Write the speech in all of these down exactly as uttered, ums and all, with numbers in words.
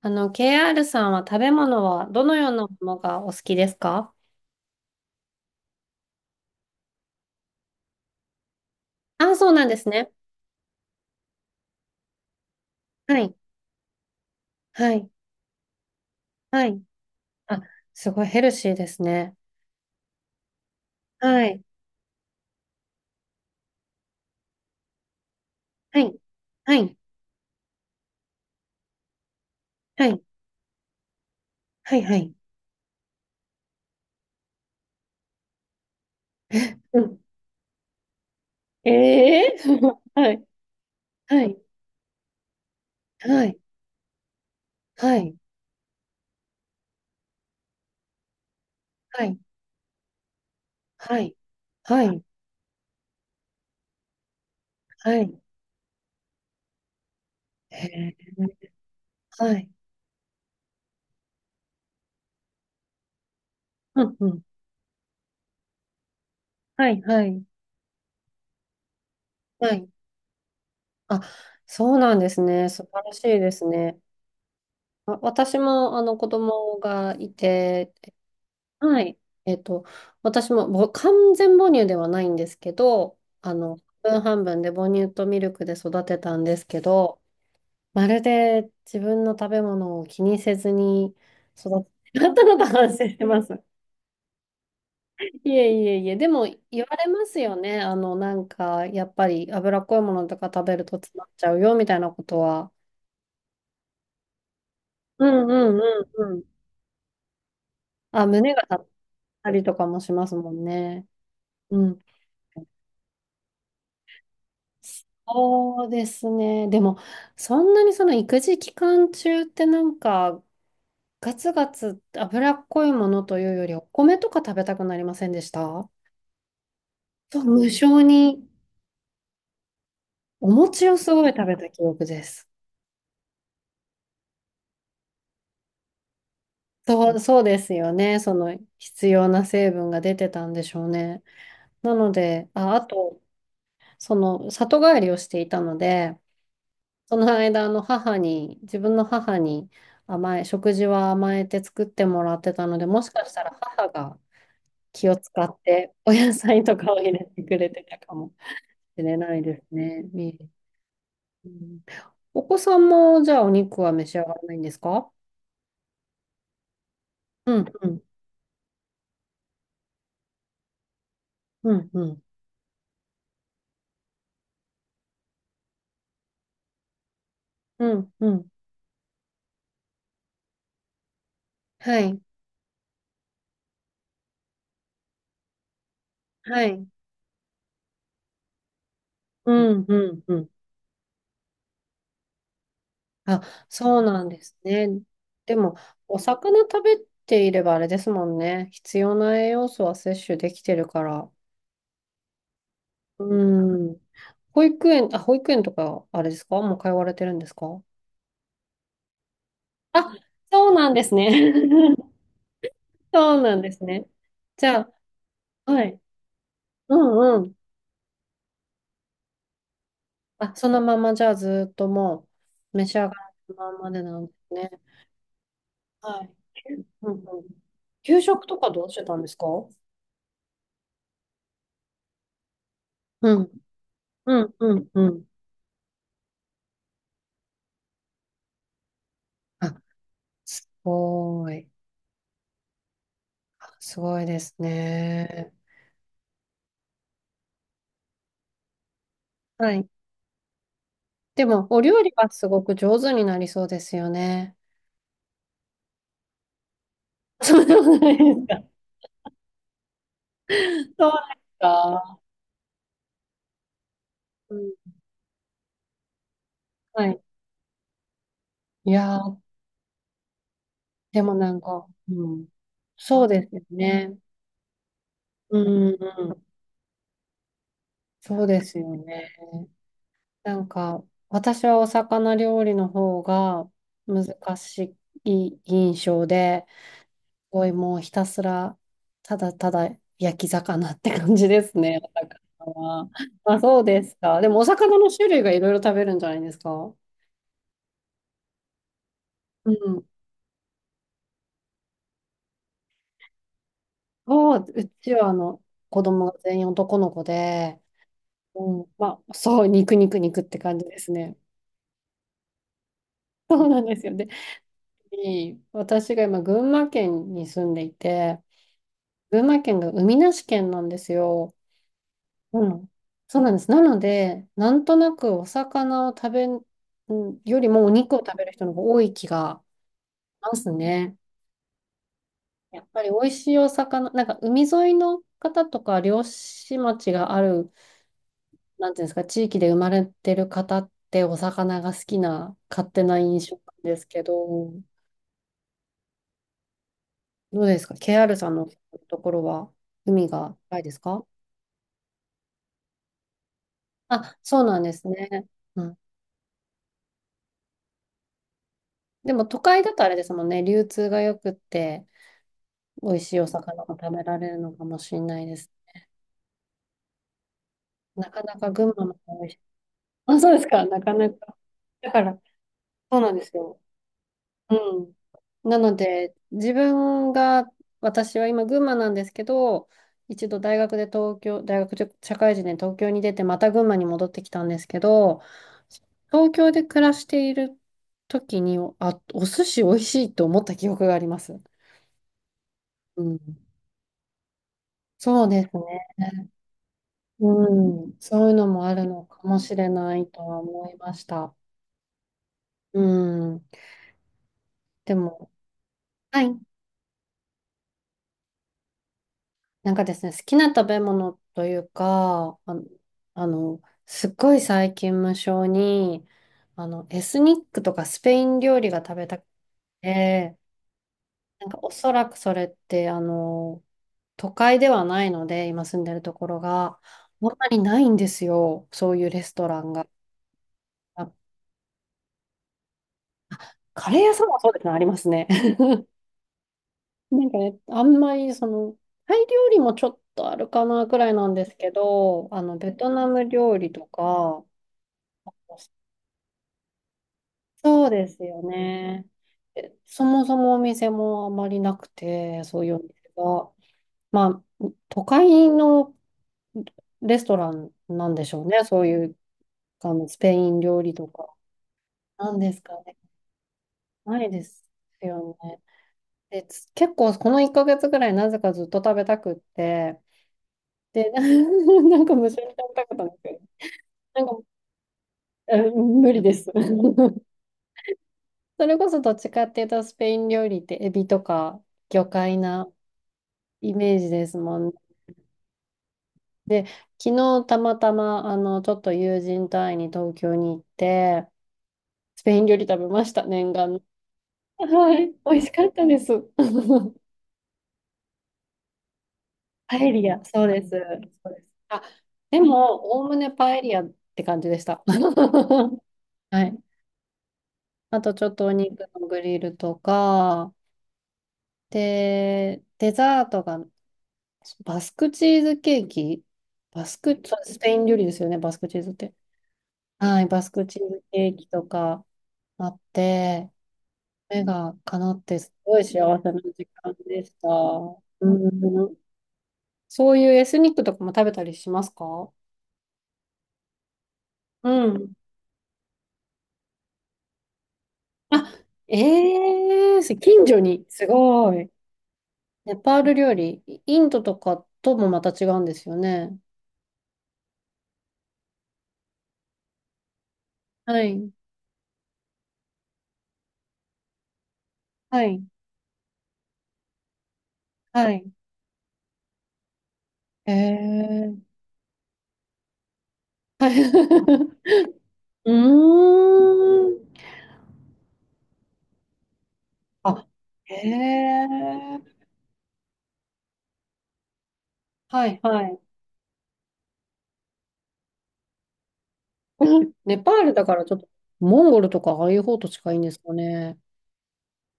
あの、ケーアール さんは食べ物はどのようなものがお好きですか？あ、そうなんですね。はい。はい。はい。あ、すごいヘルシーですね。はい。はい。はい。はい。はい。はい。うん。ええ はい。はい。はい。はい。はい。はい。はい。はい。へえ。はい。うん。うん。はい。はい。はい。あ、そうなんですね。素晴らしいですね。わ私もあの子供がいて、はい。えっと、私もぼ完全母乳ではないんですけど、あの、半分半分で母乳とミルクで育てたんですけど、まるで自分の食べ物を気にせずに育ってしまったのと反省してます。いえいえいえ、でも言われますよね。あの、なんか、やっぱり脂っこいものとか食べると詰まっちゃうよみたいなことは。うんうんうんうん。あ、胸が張ったりとかもしますもんね。うん。そうですね。でも、そんなにその育児期間中ってなんか、ガツガツ脂っこいものというより、お米とか食べたくなりませんでした？そう、無性にお餅をすごい食べた記憶です。そう、そうですよね。その必要な成分が出てたんでしょうね。なので、あ、あと、その里帰りをしていたので、その間、あの母に、自分の母に甘え、食事は甘えて作ってもらってたので、もしかしたら母が気を使って お野菜とかを入れてくれてたかもしれないですね。み、うん、お子さんもじゃあお肉は召し上がらないんですか？うんうんうんうんうんうん。はい。はい。うんうんうん。あ、そうなんですね。でも、お魚食べていればあれですもんね。必要な栄養素は摂取できてるから。うん。保育園、あ、保育園とか、あれですかもう通われてるんですか？あ、そうなんですね。そうなんですね。じゃあ、はい。うんうん。あ、そのまま、じゃあ、ずっともう、召し上がるままでなんですね。はい。うんうん。給食とかどうしてたんですか？うん。うんうんうん。あ、すごい。あすごいですね。はい。でも、お料理はすごく上手になりそうですよね。そうなこないですか。そうですか。うん、はい。いやー、でもなんか、うん。そうですよね。うんうんうん。そうですよね。なんか、私はお魚料理の方が難しい印象で、すごいもうひたすら、ただただ焼き魚って感じですね、お魚は。まあ、そうですか。でもお魚の種類がいろいろ食べるんじゃないですか。うん。そう、うちはあの、子供が全員男の子で、うん、まあ、そう、肉肉肉って感じですね。そうなんですよね。でい私が今、群馬県に住んでいて、群馬県が海なし県なんですよ。うん。そうなんです。なので、なんとなくお魚を食べんよりもお肉を食べる人の方が多い気がしますね。やっぱり美味しいお魚、なんか海沿いの方とか漁師町があるなんていうんですか、地域で生まれてる方ってお魚が好きな勝手な印象なんですけど、どうですか？ ケーアール さんのところは海が近いですか？あ、そうなんですね。うん。でも都会だとあれですもんね、流通が良くって、美味しいお魚が食べられるのかもしれないです。なかなか群馬も美味しい。あ、そうですか、なかなか。だから、そうなんですよ。うん。なので、自分が、私は今、群馬なんですけど、一度大学で東京、大学社会人で東京に出て、また群馬に戻ってきたんですけど、東京で暮らしている時に、あ、お寿司美味しいと思った記憶があります。うん。そうですね。うん。そういうのもあるのかもしれないとは思いました。うん。でも、はい。なんかですね、好きな食べ物というか、あの、あのすっごい最近無性に、あの、エスニックとかスペイン料理が食べたくて、なんかおそらくそれって、あの、都会ではないので、今住んでるところが、あんまりないんですよ、そういうレストランが。あ、カレー屋さんはそうですね、ありますね。なんかね、あんまりその、タイ料理もちょっとあるかなくらいなんですけど、あの、ベトナム料理とか、そうですよね。えそもそもお店もあまりなくて、そういうお店が。まあ、都会のレストランなんでしょうね。そういう、あの、スペイン料理とか。なんですかね。ないですよね。で、つ結構このいっかげつぐらいなぜかずっと食べたくって、で、な なんか無性に食べたかったんですけど、なんか、え無理です。それこそどっちかっていうと、スペイン料理ってエビとか魚介なイメージですもんね。で、昨日たまたま、あの、ちょっと友人隊に東京に行って、スペイン料理食べました、念願の。はい、美味しかったです。パエリア、そうです。そうです。あ、でも、おおむねパエリアって感じでした。はい。あと、ちょっとお肉のグリルとか、で、デザートが、バスクチーズケーキ、バスク、そうスペイン料理ですよね、バスクチーズって。はい、バスクチーズケーキとか、あって、目が叶ってすごい幸せな時間でした。うん。そういうエスニックとかも食べたりしますか？うん。あ、ええ近所に、すごい。ネパール料理、イインドとかともまた違うんですよね。はい。はい。はい。ええはい。うーん。あ、ええはい、はい。ネパールだからちょっと、モンゴルとかああいう方と近いんですかね。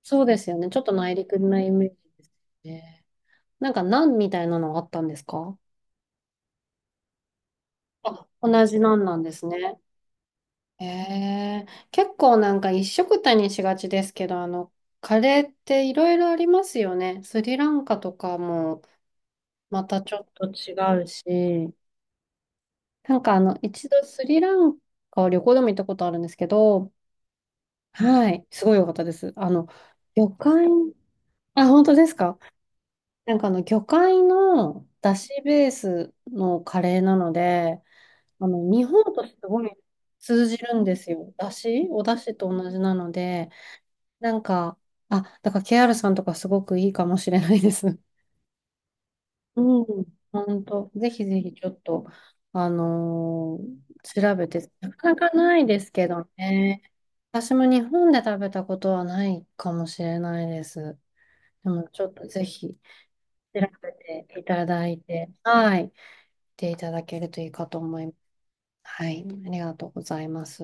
そうですよね。ちょっと内陸なイメージですね。なんか、ナンみたいなのあったんですか？あ、同じナンなんですね。へえ、結構なんか一緒くたにしがちですけど、あの、カレーっていろいろありますよね。スリランカとかもまたちょっと違うし、なんかあの、一度スリランカを旅行でも行ったことあるんですけど、はい、すごい良かったです。あの、旅館、あ、本当ですか？なんかあの、魚介のだしベースのカレーなので、あの、日本とすごい通じるんですよ。だしおだしと同じなので、なんか、あ、だから ケーアール さんとかすごくいいかもしれないです。うん。本当、ぜひぜひちょっと、あのー調べて、なかなかないですけどね。私も日本で食べたことはないかもしれないです。でもちょっとぜひ。調べていただいて、はい、見ていただけるといいかと思います。はい、ありがとうございます。